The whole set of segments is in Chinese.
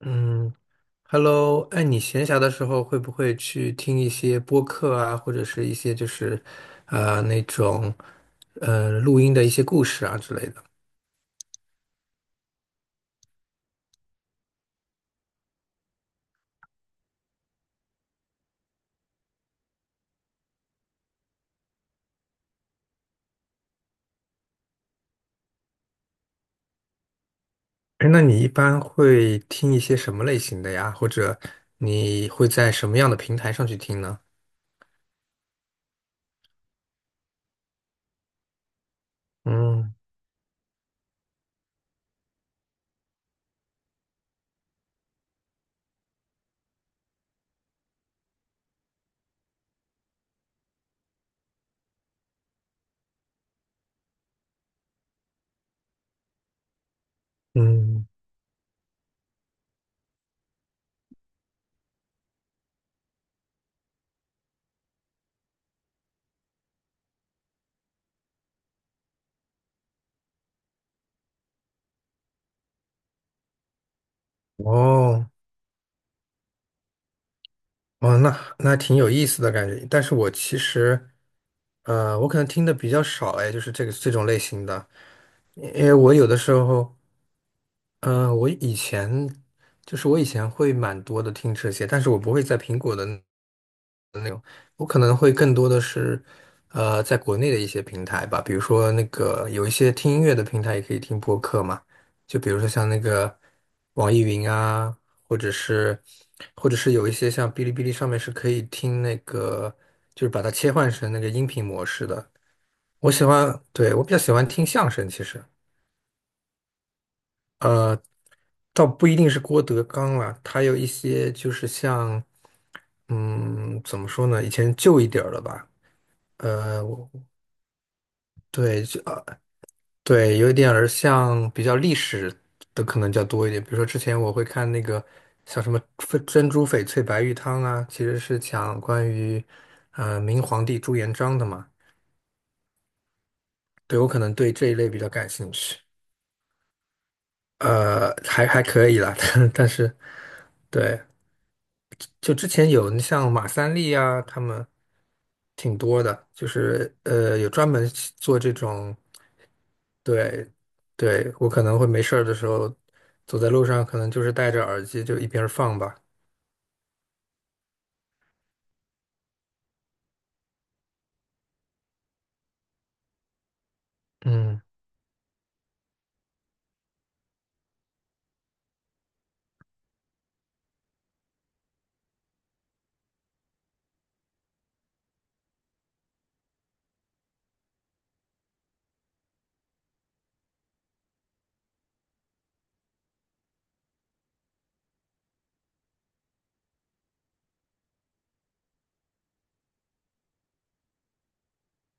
嗯，Hello，哎，你闲暇的时候会不会去听一些播客啊，或者是一些就是那种录音的一些故事啊之类的？哎，那你一般会听一些什么类型的呀？或者你会在什么样的平台上去听呢？嗯嗯，哦哦，那挺有意思的感觉。但是我其实，我可能听的比较少，哎，就是这个这种类型的，因为我有的时候。嗯，我以前会蛮多的听这些，但是我不会在苹果的那我可能会更多的是，在国内的一些平台吧，比如说那个有一些听音乐的平台也可以听播客嘛，就比如说像那个网易云啊，或者是有一些像哔哩哔哩上面是可以听那个，就是把它切换成那个音频模式的。我喜欢，对，我比较喜欢听相声，其实。呃。倒不一定是郭德纲啦，他有一些就是像，嗯，怎么说呢？以前旧一点儿的吧，呃，我对，就对，有一点儿像比较历史的可能较多一点。比如说之前我会看那个像什么珍珠翡翠白玉汤啊，其实是讲关于明皇帝朱元璋的嘛。对，我可能对这一类比较感兴趣，还可以啦，但是对。就之前有像马三立啊，他们挺多的，就是有专门做这种，对，对，我可能会没事儿的时候走在路上，可能就是戴着耳机就一边儿放吧。嗯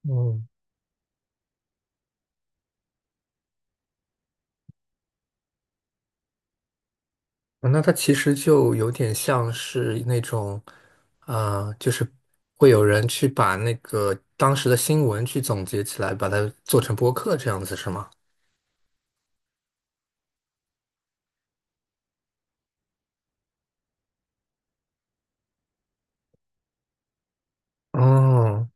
嗯，啊那它其实就有点像是那种，啊、就是会有人去把那个当时的新闻去总结起来，把它做成播客这样子，是吗？哦，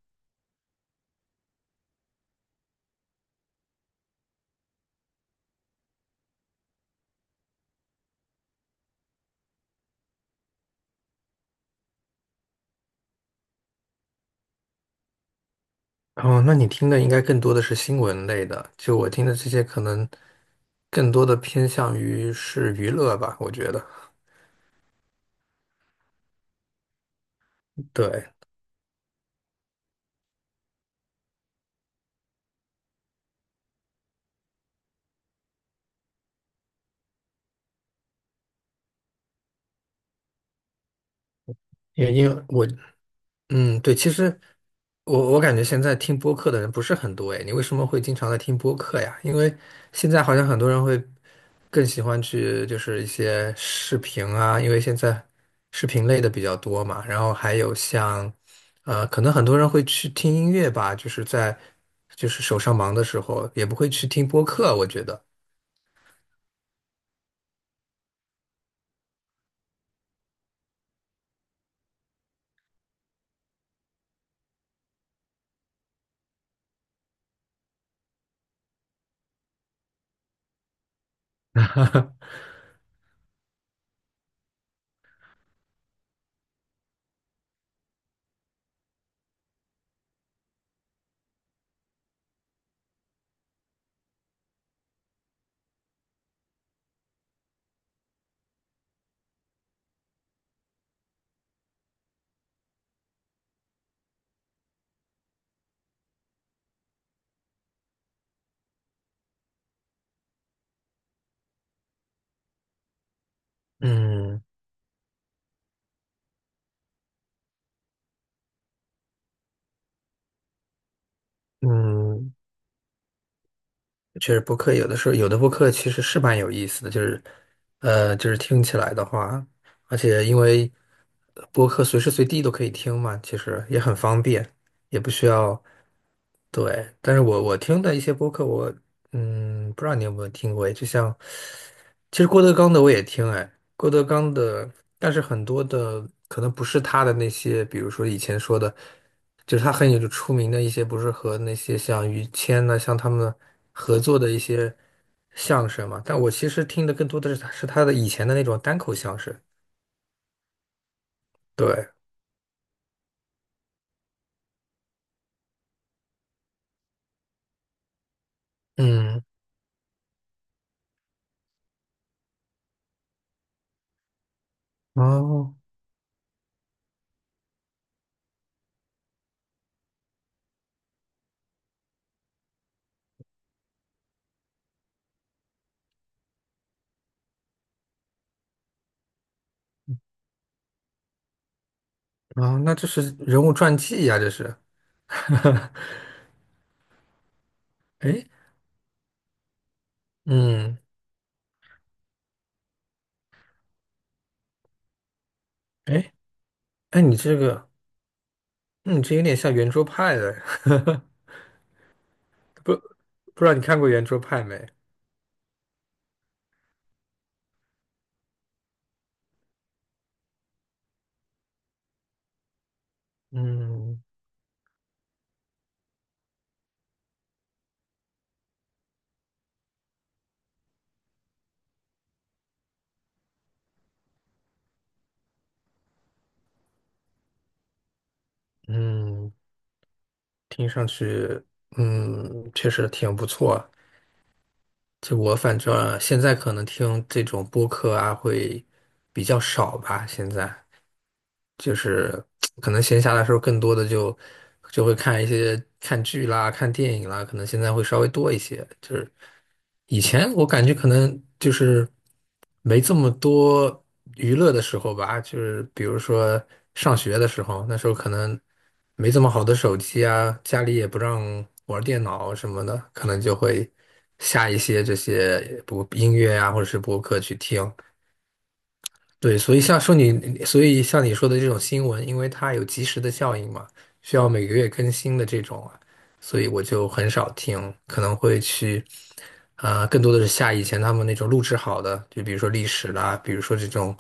哦，那你听的应该更多的是新闻类的，就我听的这些可能更多的偏向于是娱乐吧，我觉得。对，因为我对，其实我感觉现在听播客的人不是很多诶，你为什么会经常在听播客呀？因为现在好像很多人会更喜欢去就是一些视频啊，因为现在视频类的比较多嘛，然后还有像可能很多人会去听音乐吧，就是在就是手上忙的时候也不会去听播客，我觉得。嗯嗯，确实播客有的时候有的播客其实是蛮有意思的，就是就是听起来的话，而且因为播客随时随地都可以听嘛，其实也很方便，也不需要。对，但是我听的一些播客，我不知道你有没有听过，就像其实郭德纲的我也听，哎，郭德纲的，但是很多的可能不是他的那些，比如说以前说的，就是他很有出名的一些，不是和那些像于谦呐、像他们合作的一些相声嘛，但我其实听的更多的是他的以前的那种单口相声，对，嗯，哦，哦，那这是人物传记呀、这是。哎，嗯，哎，哎，你这个，嗯，你这有点像圆桌派的，不不知道你看过圆桌派没？嗯嗯，听上去，确实挺不错啊就我反正现在可能听这种播客啊会比较少吧，现在就是可能闲暇的时候更多的就会看一些看剧啦、看电影啦，可能现在会稍微多一些，就是。以前我感觉可能就是。没这么多娱乐的时候吧，就是比如说上学的时候，那时候可能没这么好的手机啊，家里也不让玩电脑什么的，可能就会下一些这些播音乐啊，或者是播客去听。对，所以像说你，所以像你说的这种新闻，因为它有及时的效应嘛，需要每个月更新的这种啊所以我就很少听，可能会去，啊、更多的是下以前他们那种录制好的，就比如说历史啦，比如说这种，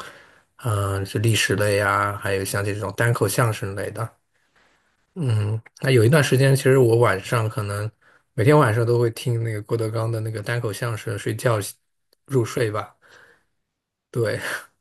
嗯、是历史类呀，还有像这种单口相声类的，嗯，那有一段时间，其实我晚上可能每天晚上都会听那个郭德纲的那个单口相声睡觉入睡吧，对，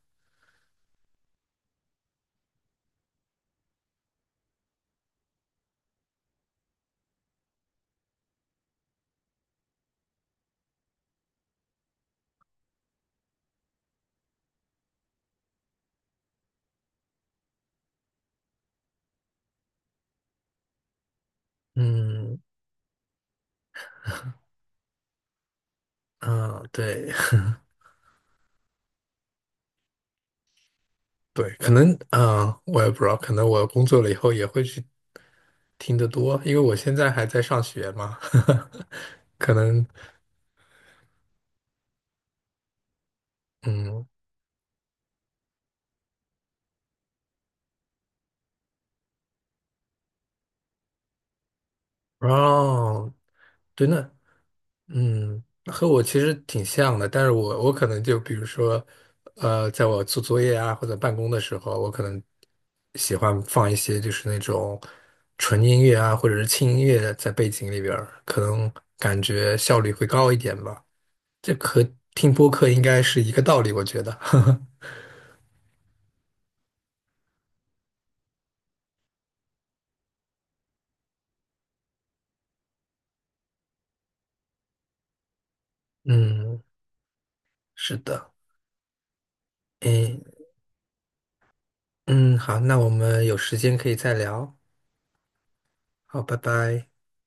嗯嗯，对。对，可能啊、我也不知道，可能我工作了以后也会去听得多，因为我现在还在上学嘛，可能嗯，哦，真的，嗯，和我其实挺像的，但是我可能就比如说，在我做作业啊或者办公的时候，我可能喜欢放一些就是那种纯音乐啊或者是轻音乐在背景里边儿，可能感觉效率会高一点吧。这和听播客应该是一个道理，我觉得。嗯，是的。诶，嗯，好，那我们有时间可以再聊。好，拜拜。